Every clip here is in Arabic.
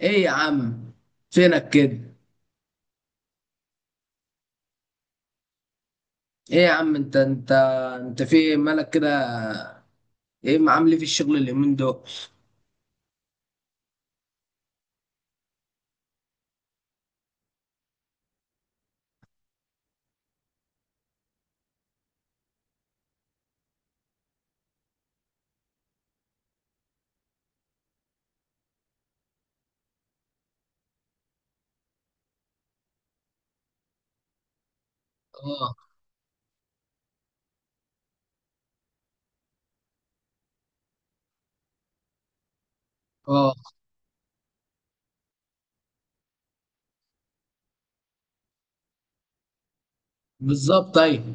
ايه يا عم، فينك كده؟ ايه يا عم، انت في إيه؟ مالك كده؟ ايه معامل إيه في الشغل اليومين دول؟ اه. اه. بالظبط، ايوه.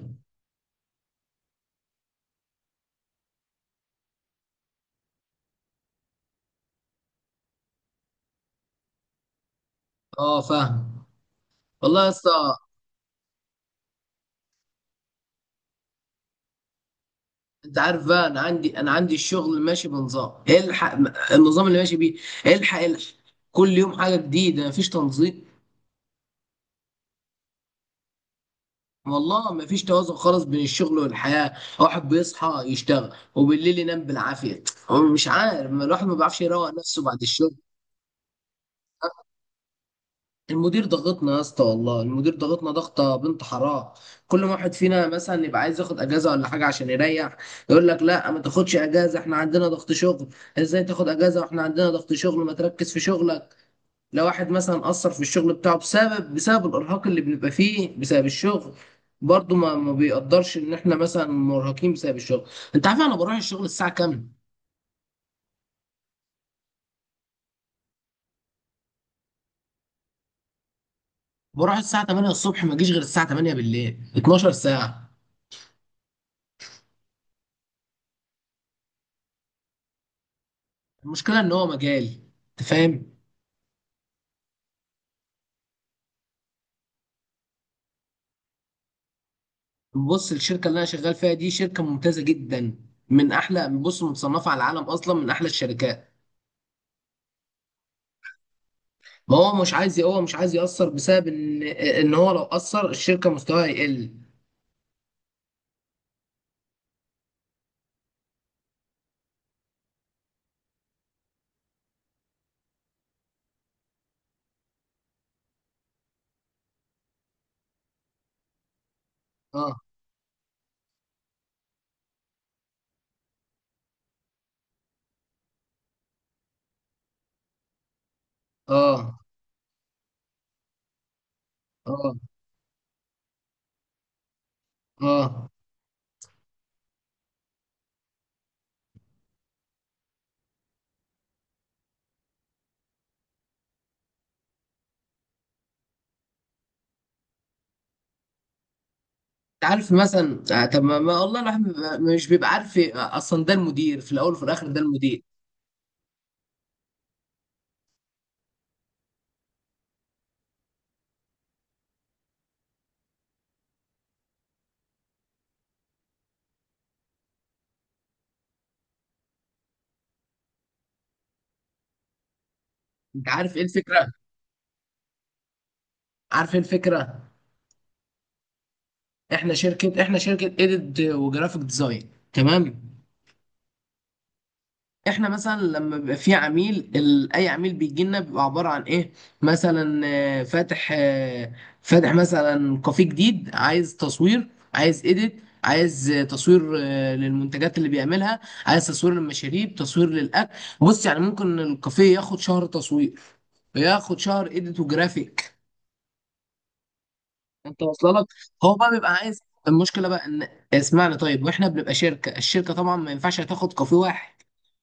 اه، فاهم. والله يا اسطى. انت عارف بقى، انا عندي، الشغل ماشي بنظام الحق، النظام اللي ماشي بيه الحق الحق. كل يوم حاجه جديده، مفيش تنظيم. والله مفيش توازن خالص بين الشغل والحياه. واحد بيصحى يشتغل، وبالليل ينام بالعافيه. هو مش عارف، الواحد ما بيعرفش يروق نفسه بعد الشغل. المدير ضغطنا يا اسطى، والله المدير ضغطنا ضغطه بنت حرام. كل ما واحد فينا مثلا يبقى عايز ياخد اجازه ولا حاجه عشان يريح، يقول لك لا ما تاخدش اجازه، احنا عندنا ضغط شغل. ازاي تاخد اجازه واحنا عندنا ضغط شغل؟ ما تركز في شغلك. لو واحد مثلا قصر في الشغل بتاعه بسبب الارهاق اللي بنبقى فيه بسبب الشغل، برضه ما بيقدرش ان احنا مثلا مرهقين بسبب الشغل. انت عارف انا بروح الشغل الساعه كام؟ بروح الساعه 8 الصبح، ما اجيش غير الساعه 8 بالليل، 12 ساعه. المشكله ان هو مجالي. انت فاهم. بص الشركه اللي انا شغال فيها دي شركه ممتازه جدا، من احلى، بص، متصنفه على العالم اصلا، من احلى الشركات. ما هو مش عايز، هو مش عايز ياثر بسبب ان هو لو اثر الشركه مستواها يقل. اه. اه. اه. اه. انت عارف، مثلا طب ما والله الواحد مش بيبقى عارف اصلا، ده المدير في الاول وفي الاخر ده المدير. انت عارف ايه الفكره؟ عارف ايه الفكره؟ احنا شركه اديت وجرافيك ديزاين، تمام. احنا مثلا لما بيبقى في عميل، اي عميل بيجي لنا بيبقى عباره عن ايه؟ مثلا فاتح، فاتح مثلا كافيه جديد، عايز تصوير، عايز اديت، عايز تصوير، للمنتجات اللي بيعملها، عايز تصوير للمشاريب، تصوير للاكل. بص يعني ممكن الكافيه ياخد شهر تصوير، ياخد شهر اديت وجرافيك. انت واصل لك؟ هو بقى بيبقى عايز. المشكله بقى ان، اسمعني طيب، واحنا بنبقى شركه، الشركه طبعا ما ينفعش تاخد كافيه واحد،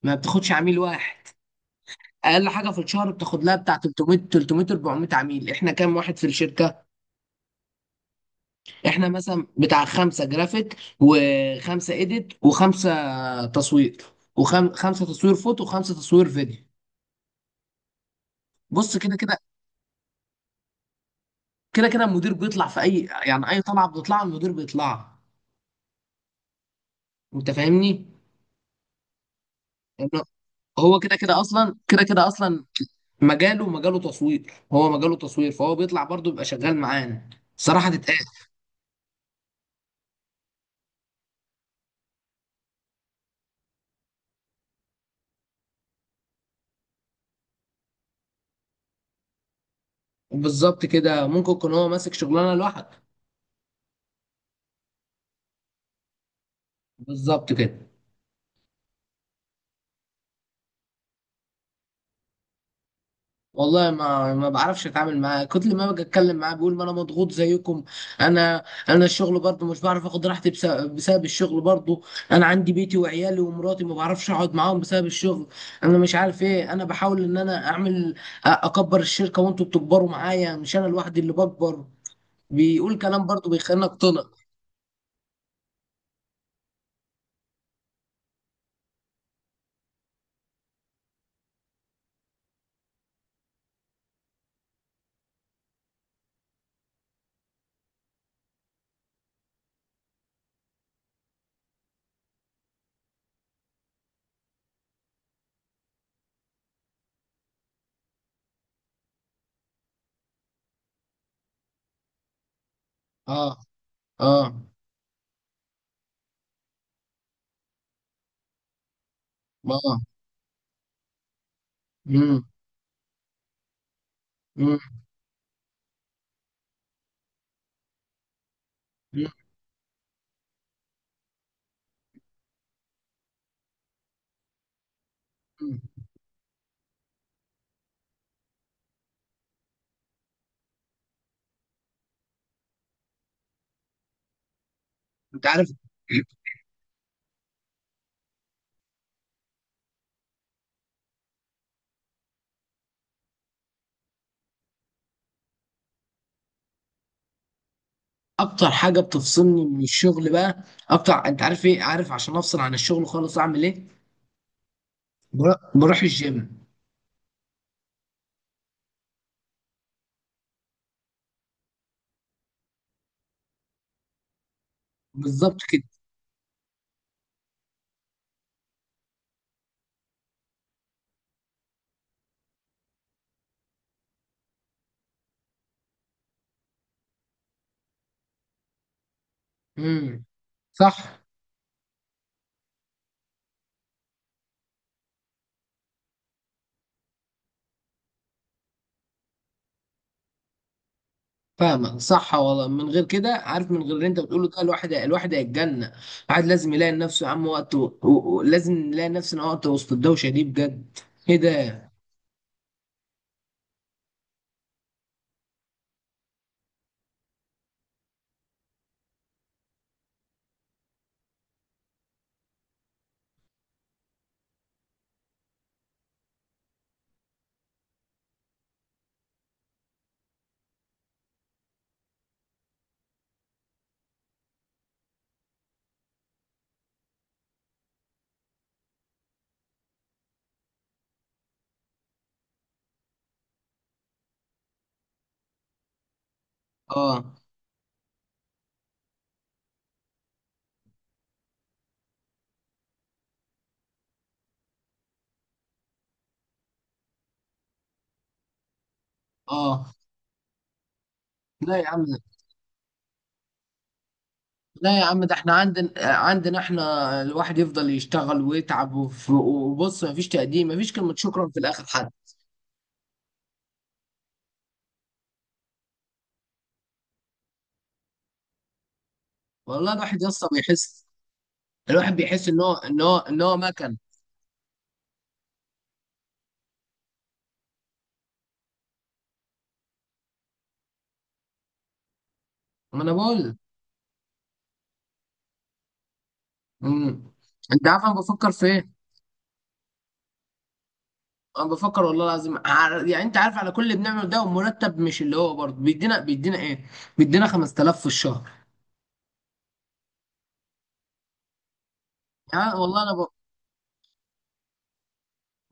ما بتاخدش عميل واحد. اقل حاجه في الشهر بتاخد لها بتاع 300 300 400 عميل. احنا كام واحد في الشركه؟ احنا مثلا بتاع خمسه جرافيك، وخمسه ايديت، وخمسه تصوير، وخمسه تصوير فوتو، وخمسه تصوير فيديو. بص، كده كده، كده كده المدير بيطلع في اي، يعني اي طلعه بتطلع المدير بيطلع. انت فاهمني. انه، هو كده كده اصلا، كده كده اصلا، مجاله مجاله تصوير، هو مجاله تصوير، فهو بيطلع برضه، بيبقى شغال معانا، صراحه تتقال. بالظبط كده، ممكن يكون هو ماسك شغلانه لوحده. بالظبط كده. والله ما بعرفش اتعامل معاه، كل ما باجي اتكلم معاه بيقول ما انا مضغوط زيكم. انا الشغل برضه مش بعرف اخد راحتي بسبب, الشغل برضه. انا عندي بيتي وعيالي ومراتي، ما بعرفش اقعد معاهم بسبب الشغل. انا مش عارف ايه، انا بحاول ان انا اعمل اكبر الشركة، وانتوا بتكبروا معايا، مش انا لوحدي اللي بكبر. بيقول كلام برضه بيخليني اقتنع. اه. اه. اه. امم. امم. أمم. انت عارف، اكتر حاجه بتفصلني من الشغل بقى، اكتر، انت عارف ايه؟ عارف عشان افصل عن الشغل خالص اعمل ايه؟ بروح الجيم. بالظبط كده. امم. صح. فاهمك، صح والله، من غير كده، عارف، من غير اللي انت بتقوله ده الواحد هيتجنن. الواحد لازم يلاقي لنفسه يا عم وقت، لازم نلاقي نفسنا وقت وسط الدوشه دي بجد. ايه ده؟ اه. اه. لا يا عم. لا يا عم، ده احنا عندنا احنا الواحد يفضل يشتغل ويتعب، وبص مفيش تقديم، مفيش كلمة شكرا في الآخر حد. والله الواحد يا اسطى بيحس، الواحد بيحس ان هو. ما انا بقول لك. امم. انت عارف انا بفكر في ايه؟ انا بفكر والله العظيم، يعني انت عارف، على كل اللي بنعمله ده ومرتب مش اللي هو، برضه بيدينا ايه؟ بيدينا 5,000 في الشهر. يعني والله انا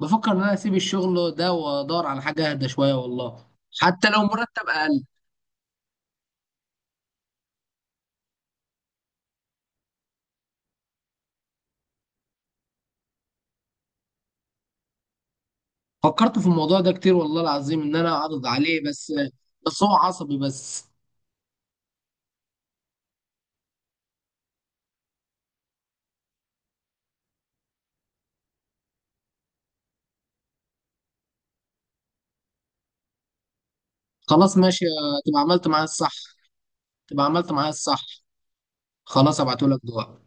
بفكر ان انا اسيب الشغل ده وادور على حاجة اهدى شوية والله، حتى لو مرتب اقل. فكرت في الموضوع ده كتير والله العظيم، ان انا اعرض عليه، بس بس هو عصبي بس. خلاص ماشي، تبقى عملت معايا الصح، تبقى عملت معايا الصح. خلاص، ابعته لك دلوقتي.